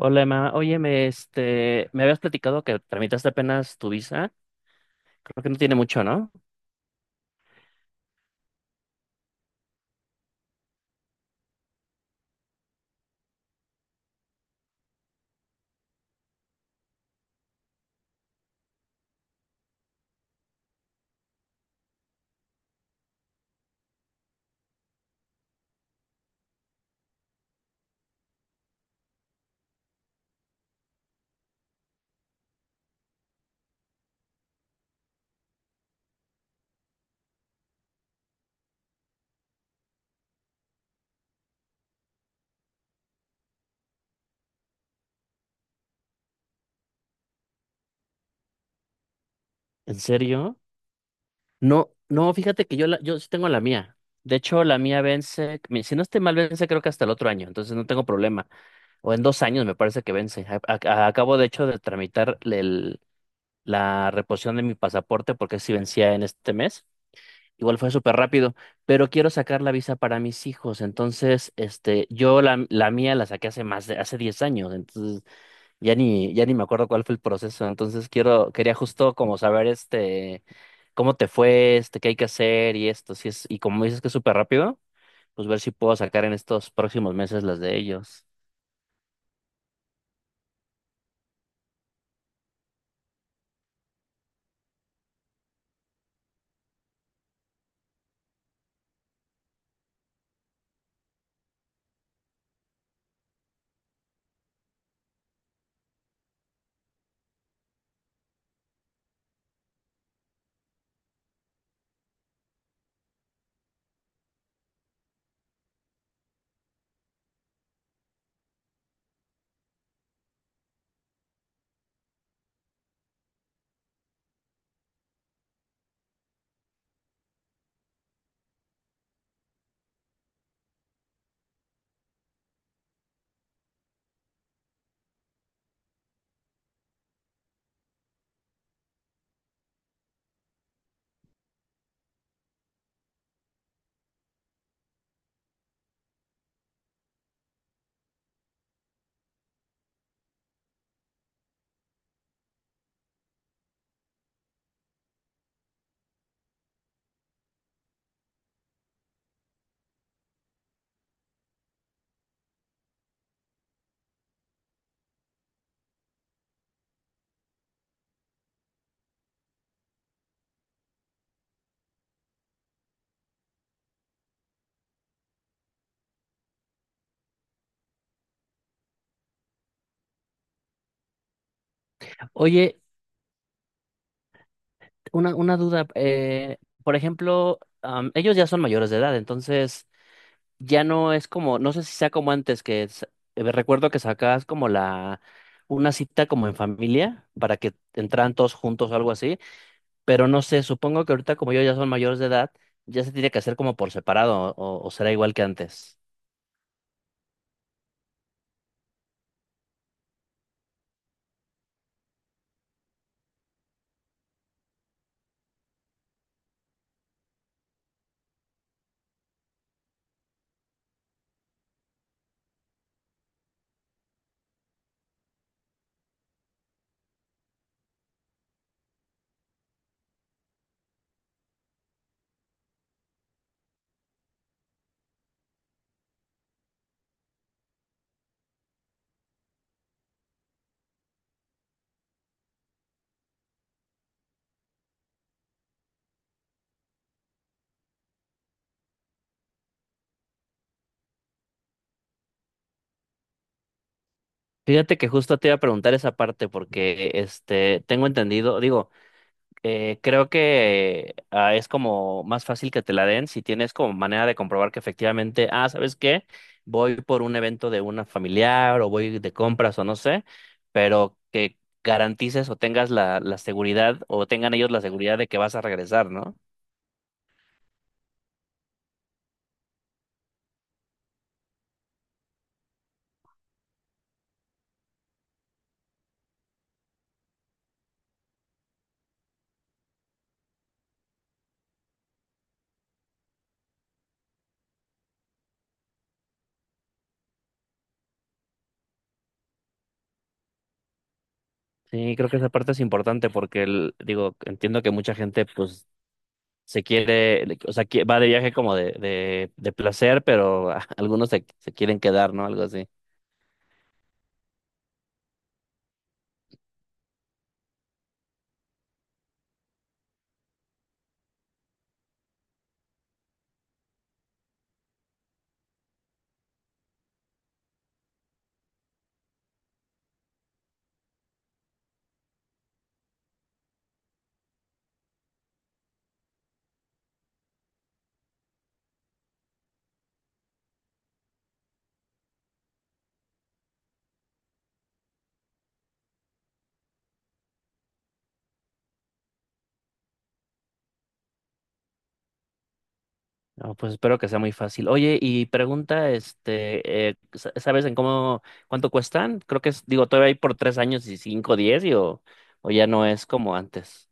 Hola, mamá. Oye, me habías platicado que tramitaste apenas tu visa. Creo que no tiene mucho, ¿no? ¿En serio? No, no, fíjate que yo sí tengo la mía. De hecho, la mía vence, si no estoy mal, vence creo que hasta el otro año, entonces no tengo problema. O en 2 años me parece que vence. Acabo, de hecho, de tramitar la reposición de mi pasaporte porque sí vencía en este mes. Igual fue súper rápido, pero quiero sacar la visa para mis hijos. Entonces, la mía la saqué hace hace 10 años. Entonces, ya ni me acuerdo cuál fue el proceso, entonces quería justo como saber cómo te fue, qué hay que hacer y esto, si es, y como dices que es súper rápido, pues ver si puedo sacar en estos próximos meses las de ellos. Oye, una duda, por ejemplo, ellos ya son mayores de edad, entonces ya no es como, no sé si sea como antes, recuerdo que sacabas como una cita como en familia para que entraran todos juntos o algo así. Pero no sé, supongo que ahorita como yo ya son mayores de edad, ya se tiene que hacer como por separado o será igual que antes. Fíjate que justo te iba a preguntar esa parte porque tengo entendido, digo, creo que es como más fácil que te la den si tienes como manera de comprobar que efectivamente, ¿sabes qué? Voy por un evento de una familiar o voy de compras o no sé, pero que garantices o tengas la seguridad o tengan ellos la seguridad de que vas a regresar, ¿no? Sí, creo que esa parte es importante porque digo, entiendo que mucha gente pues o sea, va de viaje como de placer, pero algunos se quieren quedar, ¿no? Algo así. No, pues espero que sea muy fácil. Oye, y pregunta, ¿sabes cuánto cuestan? Creo que digo, todavía hay por 3 años y 5, 10, o ya no es como antes.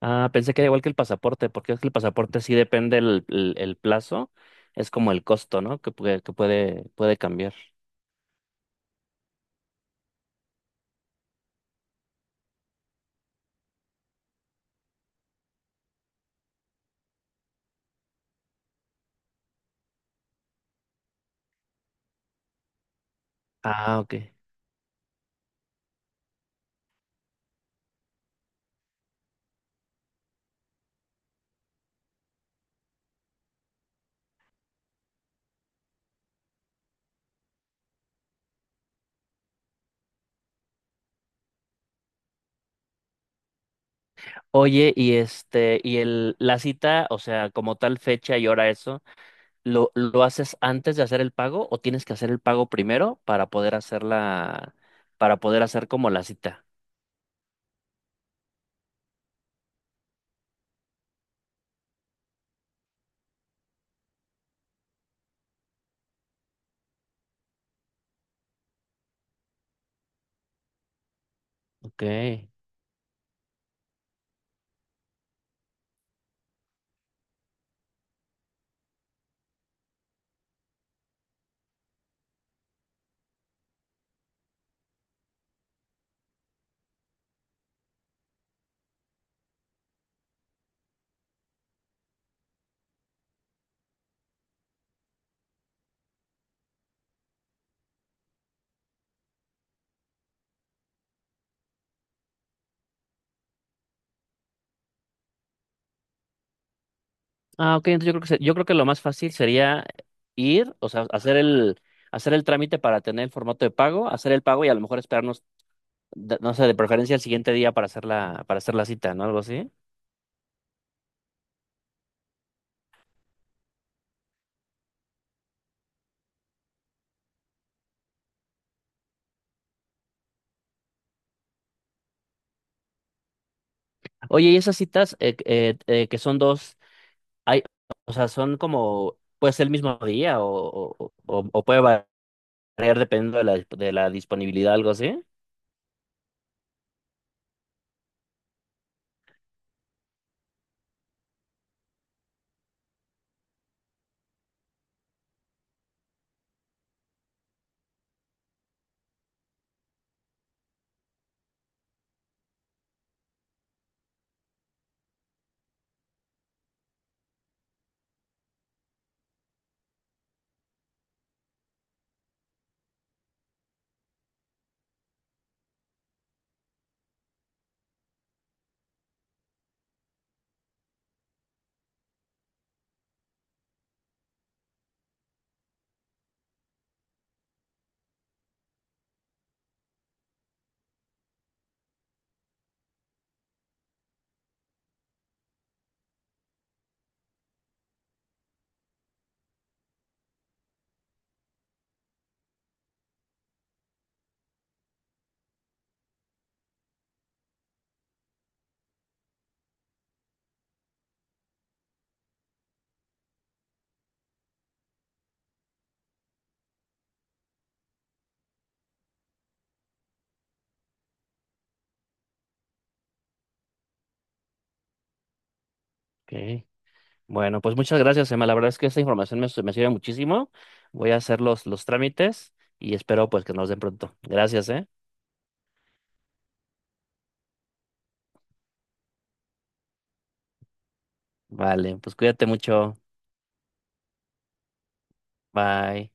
Ah, pensé que era igual que el pasaporte, porque es que el pasaporte sí depende el plazo, es como el costo, ¿no? Que puede cambiar. Ah, ok. Oye, y la cita, o sea, como tal fecha y hora eso, ¿lo haces antes de hacer el pago o tienes que hacer el pago primero para poder para poder hacer como la cita? Ok. Ah, ok, entonces yo creo que lo más fácil sería ir, o sea, hacer el trámite para tener el formato de pago, hacer el pago y a lo mejor esperarnos, no sé, de preferencia el siguiente día para para hacer la cita, ¿no? Algo así. Oye, y esas citas que son dos. Hay, o sea, son como, pues el mismo día o puede variar dependiendo de la disponibilidad, algo así. Ok. Bueno, pues muchas gracias, Emma. La verdad es que esta información me sirve muchísimo. Voy a hacer los trámites y espero pues que nos den pronto. Gracias, ¿eh? Vale, pues cuídate mucho. Bye.